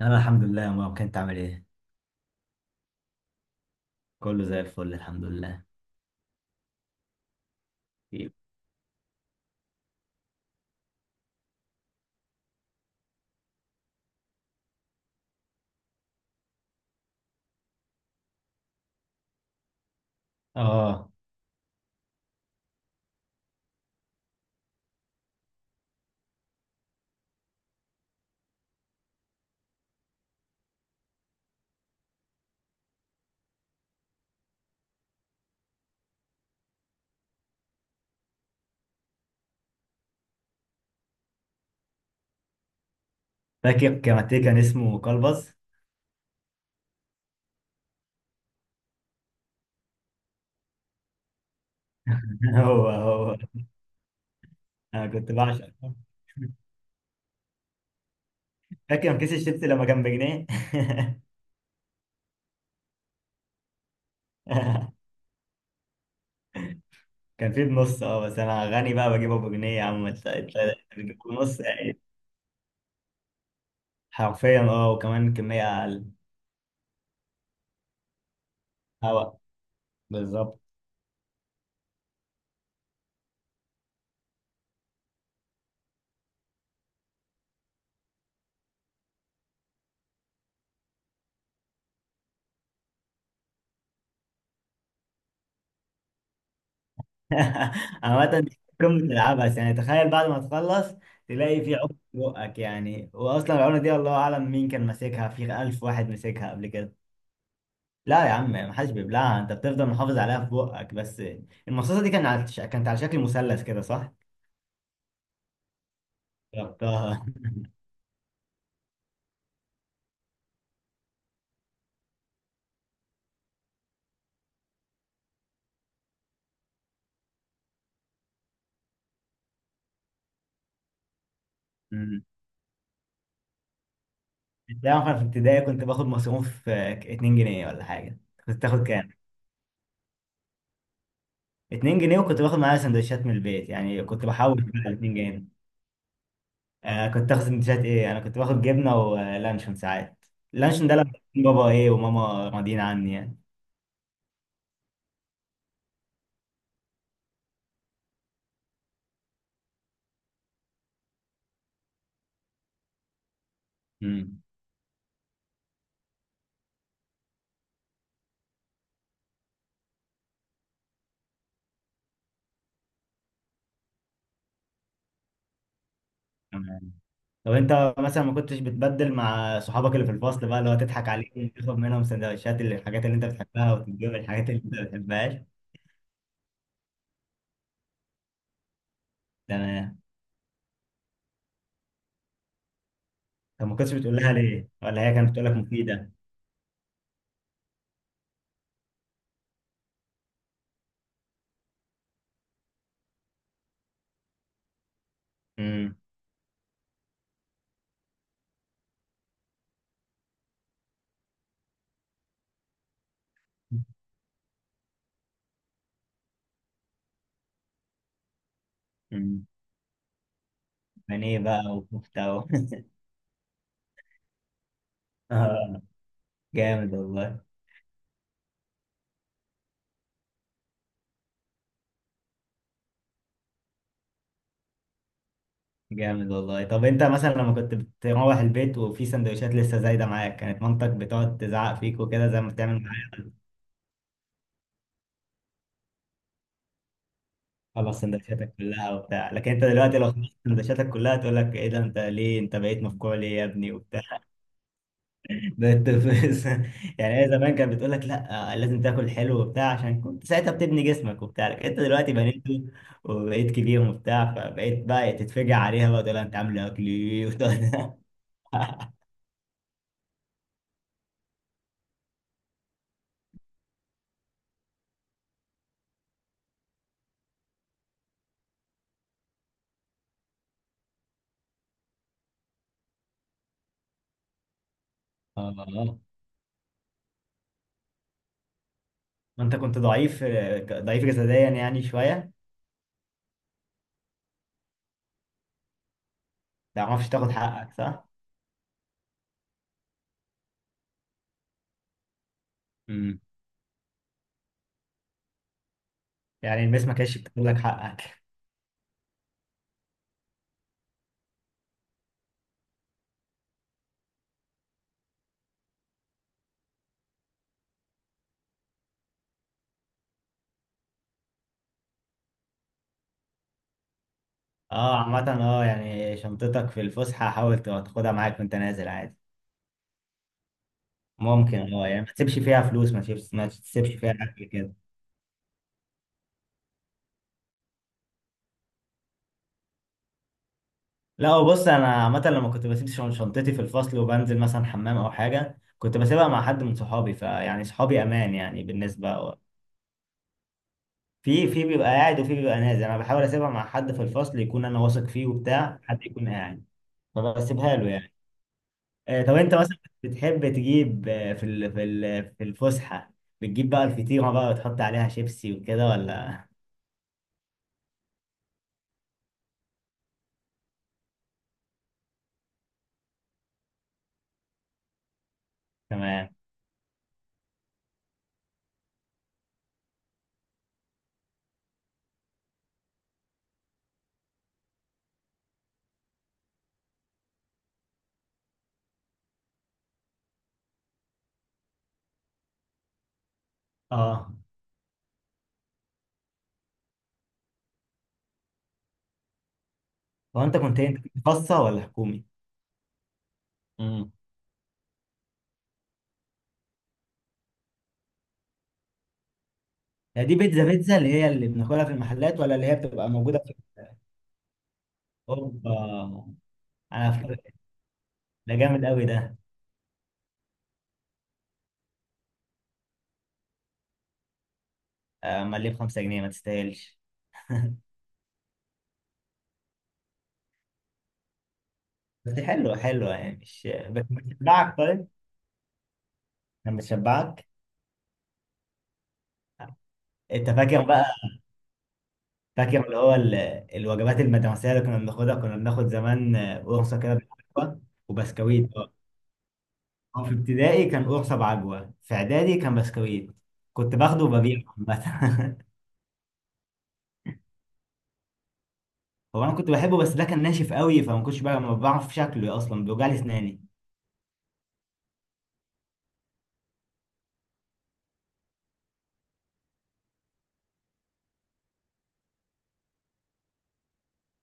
انا الحمد لله يا مروان. كنت عامل ايه؟ كله زي الفل، الحمد لله. اه، فاكر كاراتيه كان اسمه كلبز؟ هو هو. انا كنت بعشق. فاكر كيس الشيبسي لما كان بجنيه؟ كان فيه بنص، اه، بس انا غني بقى بجيبه بجنيه يا عم. انت بتجيبه بنص يعني حرفيا، اه. وكمان كميه اقل. هوا، بالظبط. عامة دي قمة العبث، يعني تخيل بعد ما تخلص تلاقي في عقد في بقك، يعني واصلا العقدة دي الله اعلم مين كان ماسكها، في ألف واحد مسكها قبل كده. لا يا عم، محدش بيبلعها، انت بتفضل محافظ عليها في بقك بس. المصاصة دي كانت على، كانت على شكل مثلث كده، صح؟ جربتها؟ أمم. انت عارف انا في ابتدائي كنت باخد مصروف 2 جنيه ولا حاجة. كنت تاخد كام؟ 2 جنيه، وكنت باخد معايا سندوتشات من البيت، يعني كنت بحوش بقى 2 جنيه. انا كنت اخد سندوتشات ايه؟ انا كنت باخد جبنه ولانشون ساعات. اللانشون ده لما كان بابا ايه وماما راضيين عني يعني. امم. تمام. طب انت مثلا ما كنتش بتبدل مع صحابك اللي في الفصل بقى، اللي هو تضحك عليهم، تاخد منهم سندوتشات اللي، الحاجات اللي انت بتحبها، وتديهم الحاجات اللي انت ما بتحبهاش؟ تمام. طب ما كنتش بتقول لها ليه؟ ولا هي كانت بتقول لك مفيده؟ امم. امم. بانيه بقى وكفته و- جامد والله. جامد والله. طب انت مثلا لما كنت بتروح البيت وفي سندوتشات لسه زايده معاك، كانت مامتك بتقعد تزعق فيك وكده زي ما بتعمل معاك؟ خلص سندوتشاتك كلها وبتاع. لكن انت دلوقتي لو خلصت سندوتشاتك كلها تقول لك ايه ده، انت ليه انت بقيت مفجوع ليه يا ابني، وبتاع. بقيت بس-. يعني هي زمان كانت بتقول لك لا لازم تاكل حلو وبتاع عشان كنت ساعتها بتبني جسمك وبتاع، لكن انت دلوقتي بنيت وبقيت كبير وبتاع، فبقيت بقى تتفجع عليها بقى تقول لها انت عامل اكل ايه. وتقعد-. ما انت كنت ضعيف، ضعيف جسديا يعني شويه، ما تعرفش تاخد حقك، صح؟ امم. يعني المس ما كانتش بتاخد لك حقك؟ اه، عامه، اه يعني شنطتك في الفسحه حاول تاخدها معاك وانت نازل عادي. ممكن، اه يعني ما تسيبش فيها فلوس، ما تسيبش، ما تسيبش فيها اكل كده. لا بص، انا عامه لما كنت بسيب شنطتي في الفصل وبنزل مثلا حمام او حاجه، كنت بسيبها مع حد من صحابي، فيعني صحابي امان يعني بالنسبه. في في بيبقى قاعد وفي بيبقى نازل، انا بحاول اسيبها مع حد في الفصل يكون انا واثق فيه وبتاع، حد يكون قاعد، فبسيبها له يعني. طب انت مثلا بتحب تجيب، في في في الفسحه بتجيب بقى الفطيره بقى وتحط عليها شيبسي وكده، ولا؟ تمام. اه، هو انت كنت إيه؟ انت كنت خاصه ولا حكومي؟ امم. هي دي بيتزا، بيتزا اللي هي اللي بناكلها في المحلات، ولا اللي هي بتبقى موجوده في اوروبا؟ انا ف- ده جامد قوي ده. امال ليه ب 5 جنيه؟ ما تستاهلش؟ بس حلوه، حلوه يعني، مش بس بتشبعك، طيب؟ كان بتشبعك؟ انت فاكر بقى، فاكر اللي هو الوجبات المدرسية اللي كنا بناخدها؟ كنا بناخد زمان، قرصة كده بالعجوة وبسكويت، اه. هو في ابتدائي كان قرصة بعجوة، في إعدادي كان بسكويت، كنت باخده وببيعه عامة. هو أنا كنت بحبه بس ده كان ناشف قوي، فما كنتش بقى، ما بعرف شكله أصلا، بيوجع لي أسناني.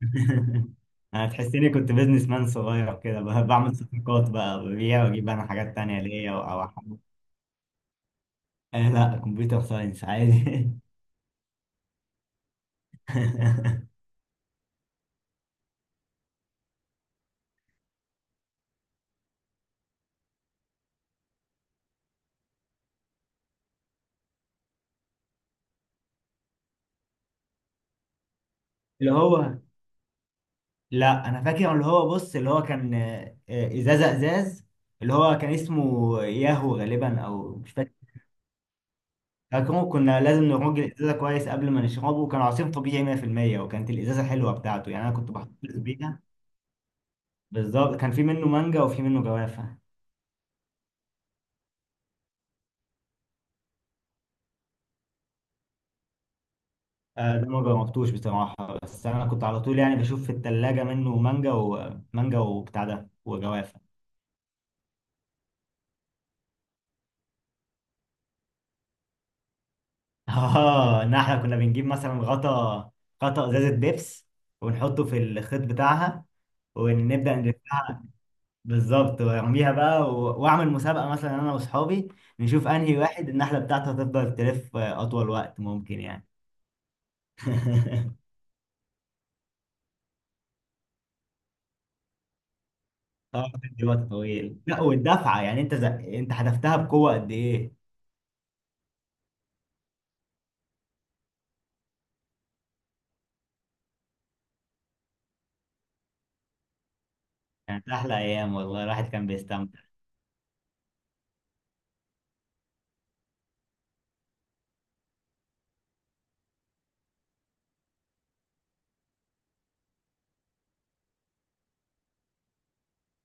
أنا تحسيني كنت بيزنس مان صغير كده، ب- بعمل صفقات بقى، ببيع وأجيب أنا حاجات تانية ليا، أو أو أحب. آه لا، كمبيوتر ساينس عادي. اللي هو، لا انا فاكر اللي هو، بص اللي هو كان، ازازه ازاز، اللي هو كان اسمه ياهو غالبا، او مش فاكر. فاكره كنا لازم نرج الازازه كويس قبل ما نشربه، وكان عصير طبيعي 100%، وكانت الازازه حلوه بتاعته يعني، انا كنت بحتفظ بيها. بالظبط، كان في منه مانجا وفي منه جوافه. ده ما جربتوش بصراحه، بس انا كنت على طول يعني بشوف في الثلاجه منه مانجا ومانجا وبتاع ده وجوافه. اه، ان احنا كنا بنجيب مثلا غطا، غطا ازازه بيبس، ونحطه في الخيط بتاعها، ونبدا نلفها. بالظبط، وارميها بقى و-، واعمل مسابقه مثلا انا واصحابي، نشوف انهي واحد النحله بتاعته هتفضل تلف اطول وقت ممكن يعني. اه، بتدي وقت طويل، لا والدفعه يعني، انت زق...، انت حدفتها بقوه قد ايه يعني؟ كانت احلى ايام والله، الواحد كان بيستمتع.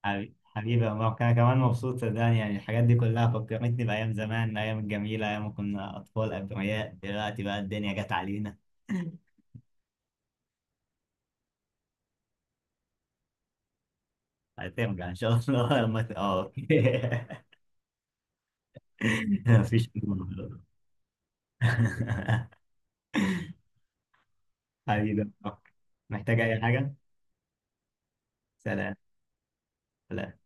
حبيبي، حبيبي يا مروان، انا كمان مبسوط صدقني، يعني الحاجات دي كلها فكرتني بايام زمان، الايام الجميله، ايام ما كنا اطفال ابرياء. دلوقتي بقى الدنيا جت علينا. هترجع ان شاء الله. لما ت-، اه، أوكي. مفيش. حبيبي يا مروان. محتاج اي حاجه. سلام. سلام.